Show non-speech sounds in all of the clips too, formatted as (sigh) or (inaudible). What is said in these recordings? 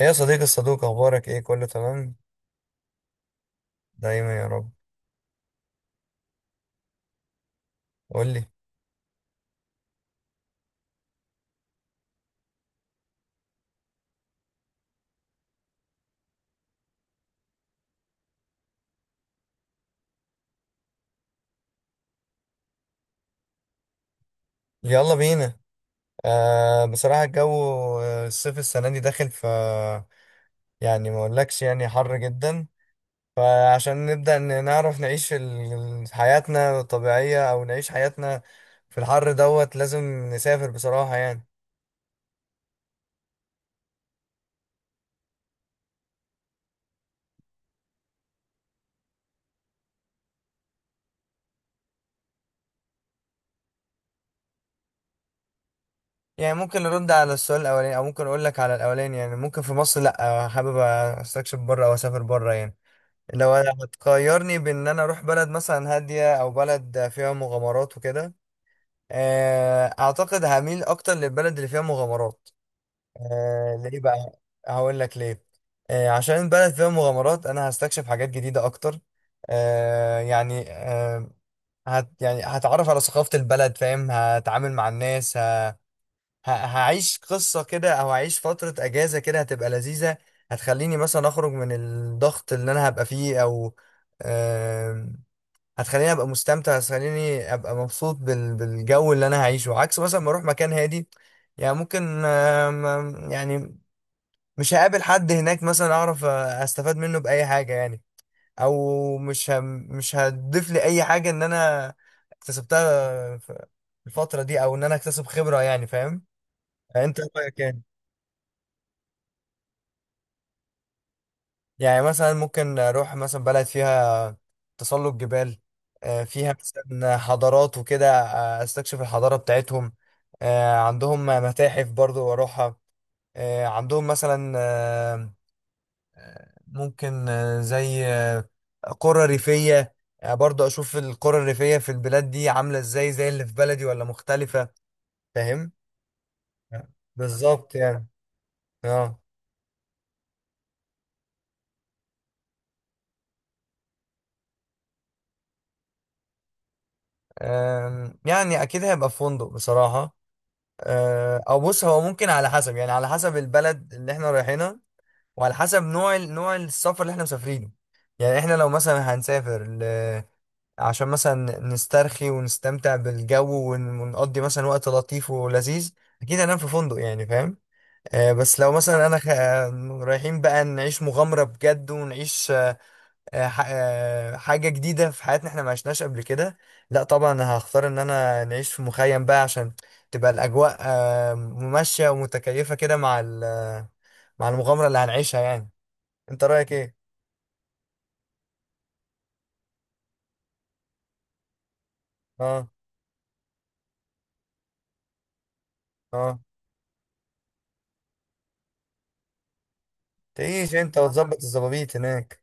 ايه يا صديقي الصدوق، اخبارك ايه؟ كله تمام؟ دايما يا رب. قول لي. يلا بينا. بصراحه الجو. الصيف السنه دي داخل يعني ما اقولكش يعني حر جدا. فعشان نبدا نعرف نعيش في حياتنا الطبيعيه، او نعيش حياتنا في الحر دوت. لازم نسافر بصراحه يعني. يعني ممكن نرد على السؤال الاولاني، او ممكن اقول لك على الاولاني. يعني ممكن في مصر لا، حابب استكشف بره او اسافر بره يعني. لو انا هتقيرني بان انا اروح بلد مثلا هاديه او بلد فيها مغامرات وكده، اعتقد هميل اكتر للبلد اللي فيها مغامرات. ليه بقى؟ هقول لك ليه. عشان البلد فيها مغامرات انا هستكشف حاجات جديده اكتر. آه، يعني آه، يعني هتعرف على ثقافه البلد، فاهم، هتعامل مع الناس. هعيش قصة كده، او هعيش فترة اجازة كده هتبقى لذيذة. هتخليني مثلا اخرج من الضغط اللي انا هبقى فيه، او آم، هتخليني ابقى مستمتع، هتخليني ابقى مبسوط بالجو اللي انا هعيشه، عكس مثلا ما اروح مكان هادي يعني. ممكن يعني مش هقابل حد هناك، مثلا اعرف استفاد منه باي حاجة يعني. او مش هتضيف لي اي حاجة ان انا اكتسبتها في الفترة دي، او ان انا اكتسب خبرة يعني فاهم. انت رايك يعني؟ يعني مثلا ممكن اروح مثلا بلد فيها تسلق جبال، فيها مثلا حضارات وكده، استكشف الحضارة بتاعتهم. عندهم متاحف برضو واروحها. عندهم مثلا ممكن زي قرى ريفية. برضو اشوف القرى الريفية في البلاد دي عاملة ازاي، زي اللي في بلدي ولا مختلفة. فاهم بالظبط يعني. اه يعني اكيد هيبقى في فندق بصراحة. او بص هو ممكن على حسب يعني، على حسب البلد اللي احنا رايحينها، وعلى حسب نوع نوع السفر اللي احنا مسافرينه. يعني احنا لو مثلا هنسافر عشان مثلا نسترخي ونستمتع بالجو ونقضي مثلا وقت لطيف ولذيذ، اكيد هننام في فندق يعني فاهم. آه بس لو مثلا انا خ... آه، رايحين بقى نعيش مغامرة بجد ونعيش حاجة جديدة في حياتنا احنا ما عشناش قبل كده، لا طبعا أنا هختار ان انا نعيش في مخيم بقى عشان تبقى الاجواء ممشية ومتكيفة كده مع مع المغامرة اللي هنعيشها يعني. انت رأيك ايه؟ اه، اه، تعيش انت وتظبط الظبابيط هناك.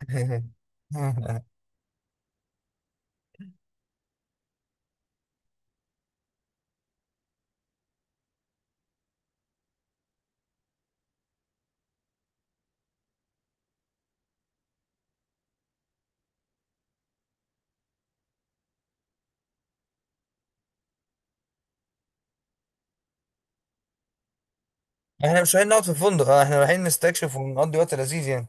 (laughs) احنا مش رايحين نقعد في فندق، اه احنا رايحين نستكشف ونقضي وقت لذيذ يعني.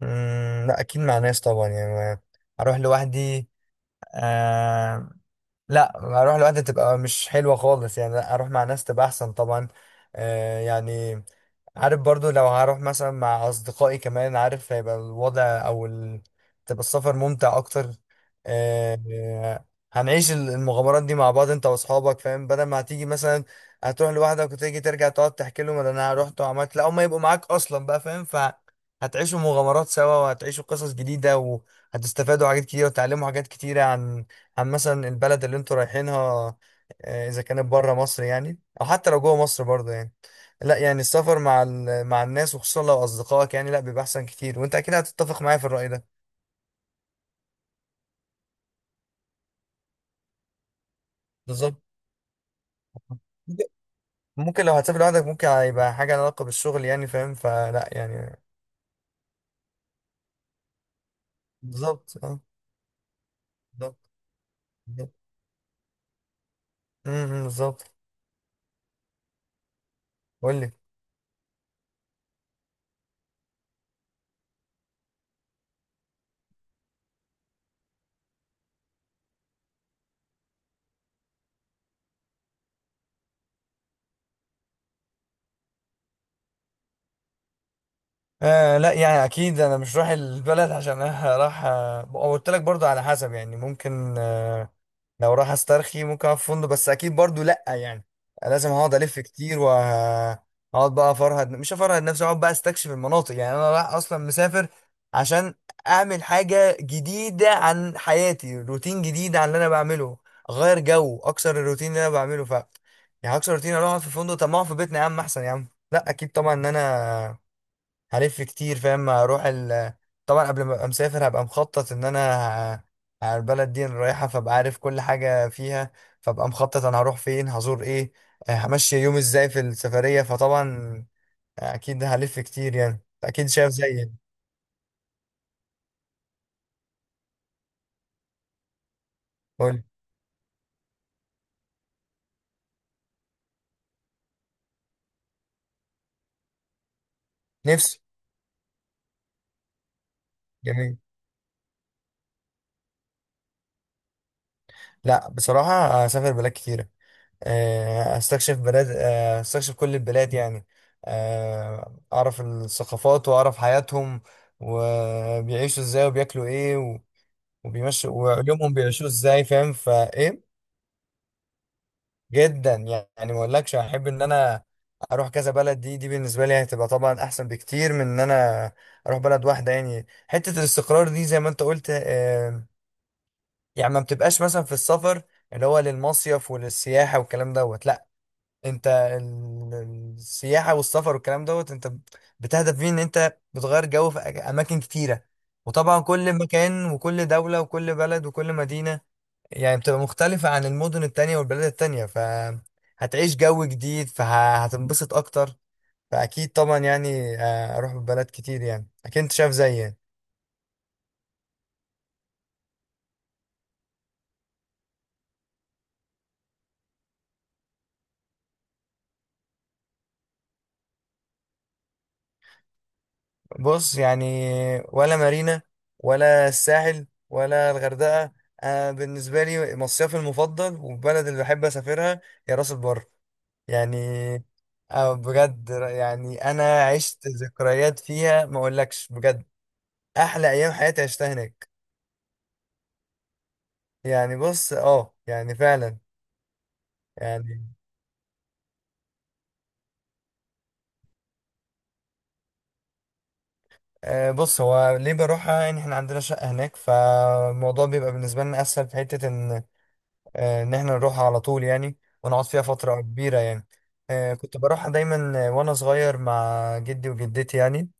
لا اكيد مع ناس طبعا يعني. هروح لوحدي. آه لا، اروح لوحدي تبقى مش حلوه خالص يعني، لا اروح مع ناس تبقى احسن طبعا. آه يعني عارف برضو لو هروح مثلا مع اصدقائي كمان، عارف هيبقى الوضع، او تبقى السفر ممتع اكتر. آه، هنعيش المغامرات دي مع بعض انت واصحابك، فاهم، بدل ما هتيجي مثلا هتروح لوحدك وتيجي ترجع تقعد تحكي لهم ده انا رحت وعملت. لا، هم يبقوا معاك اصلا بقى، فاهم، فهتعيشوا مغامرات سوا وهتعيشوا قصص جديده، وهتستفادوا حاجات كتيره وتتعلموا حاجات كتيره عن مثلا البلد اللي انتوا رايحينها، اذا كانت بره مصر يعني، او حتى لو جوه مصر برضه يعني. لا يعني السفر مع مع الناس، وخصوصا لو اصدقائك يعني، لا بيبقى احسن كتير، وانت اكيد هتتفق معايا في الرأي ده. بالظبط. ممكن لو هتسافر لوحدك ممكن هيبقى حاجة لها علاقة بالشغل يعني فاهم، فلا يعني. بالظبط اه بالظبط بالظبط. بالظبط. قول لي. آه لا يعني اكيد انا مش رايح البلد عشان أنا رايح، وقلت لك برضو على حسب يعني. ممكن لو راح استرخي ممكن اقعد في فندق، بس اكيد برضو لا يعني لازم هقعد الف كتير، وهقعد بقى افرهد. مش افرهد نفسي، اقعد بقى استكشف المناطق. يعني انا رايح اصلا مسافر عشان اعمل حاجه جديده عن حياتي، روتين جديد عن اللي انا بعمله، اغير جو، اكسر الروتين اللي انا بعمله يعني هكسر الروتين اروح أقعد في فندق؟ طب ما اقعد في بيتنا يا عم احسن يا عم. لا اكيد طبعا ان انا هلف كتير، فاهم، هروح طبعا قبل ما ابقى مسافر هبقى مخطط ان انا على البلد دي أنا رايحه، فابقى عارف كل حاجه فيها، فابقى مخطط انا هروح فين، هزور ايه، همشي يومي ازاي في السفريه. فطبعا اكيد هلف كتير يعني، اكيد شايف زيي يعني. قول. نفسي. جميل. لا بصراحه هسافر بلاد كتيره. استكشف بلاد، استكشف كل البلاد يعني. اعرف الثقافات واعرف حياتهم، وبيعيشوا ازاي وبياكلوا ايه، وبيمشي ويومهم بيعيشوه ازاي، فاهم فايه. جدا. يعني ما اقولكش هحب ان انا اروح كذا بلد. دي بالنسبه لي هتبقى طبعا احسن بكتير من ان انا اروح بلد واحده يعني. حته الاستقرار دي زي ما انت قلت، يعني ما بتبقاش مثلا في السفر اللي هو للمصيف وللسياحه والكلام دوت. لا انت السياحه والسفر والكلام دوت، انت بتهدف فيه ان انت بتغير جو في اماكن كتيره. وطبعا كل مكان وكل دوله وكل بلد وكل مدينه يعني بتبقى مختلفة عن المدن التانية والبلاد التانية، فهتعيش جو جديد فهتنبسط أكتر. فأكيد طبعا يعني أروح بلاد كتير يعني، أكيد أنت شايف زيي يعني. بص يعني. ولا مارينا، ولا الساحل، ولا الغردقة. أنا بالنسبة لي مصيفي المفضل، والبلد اللي بحب أسافرها هي راس البر يعني. بجد يعني أنا عشت ذكريات فيها ما أقولكش بجد. أحلى أيام حياتي عشتها هناك. يعني بص اه يعني فعلا. يعني بص هو ليه بروحها يعني؟ احنا عندنا شقة هناك، فالموضوع بيبقى بالنسبة لنا أسهل في حتة، إن إن احنا نروحها على طول يعني، ونقعد فيها فترة كبيرة يعني. كنت بروحها دايما وأنا صغير مع جدي وجدتي يعني.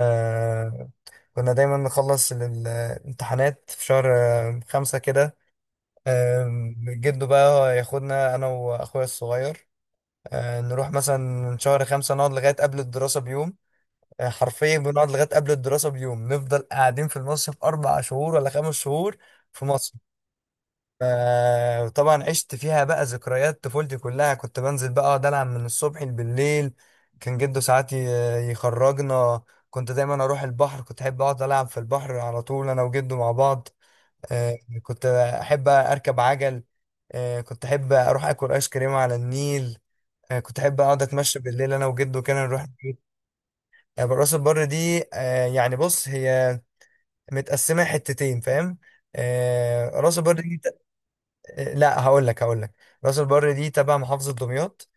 آه، كنا دايما نخلص الامتحانات في شهر 5 كده. آه، جده بقى ياخدنا أنا وأخويا الصغير، نروح مثلا شهر 5، نقعد لغاية قبل الدراسة بيوم. حرفيا بنقعد لغايه قبل الدراسه بيوم، نفضل قاعدين في المصيف 4 شهور ولا 5 شهور في مصر. طبعا عشت فيها بقى ذكريات طفولتي كلها، كنت بنزل بقى اقعد العب من الصبح بالليل. كان جده ساعات يخرجنا. كنت دايما اروح البحر، كنت احب اقعد العب في البحر على طول انا وجده مع بعض. آه، كنت احب اركب عجل. كنت احب اروح اكل ايس كريم على النيل. كنت احب اقعد اتمشى بالليل انا وجده كنا نروح. يعني راس البر دي يعني بص هي متقسمه حتتين فاهم. آه، راس البر دي ت- آه، لا هقول لك، راس البر دي تبع محافظه دمياط.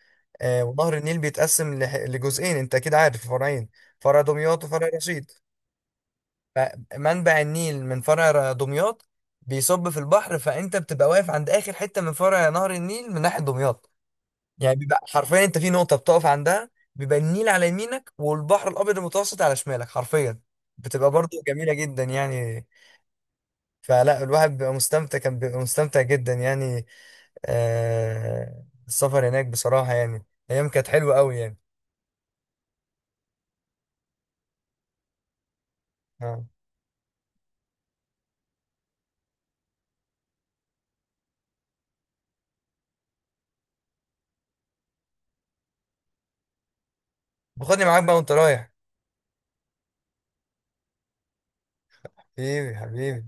ونهر النيل بيتقسم لجزئين. انت اكيد عارف فرعين: فرع دمياط وفرع رشيد. فمنبع النيل من فرع دمياط بيصب في البحر، فانت بتبقى واقف عند اخر حته من فرع نهر النيل من ناحيه دمياط. يعني بيبقى حرفيا انت في نقطه بتقف عندها بيبقى النيل على يمينك والبحر الابيض المتوسط على شمالك حرفيا، بتبقى برضو جميله جدا يعني. فلا الواحد بيبقى مستمتع، كان بيبقى مستمتع جدا يعني. آه السفر هناك بصراحه يعني ايام كانت حلوه قوي يعني. اه باخدني معاك بقى وانت رايح. حبيبي حبيبي.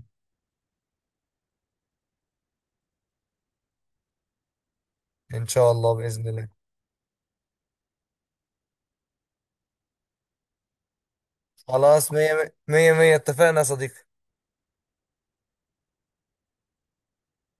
ان شاء الله باذن الله. خلاص مية مية مية اتفقنا يا صديقي.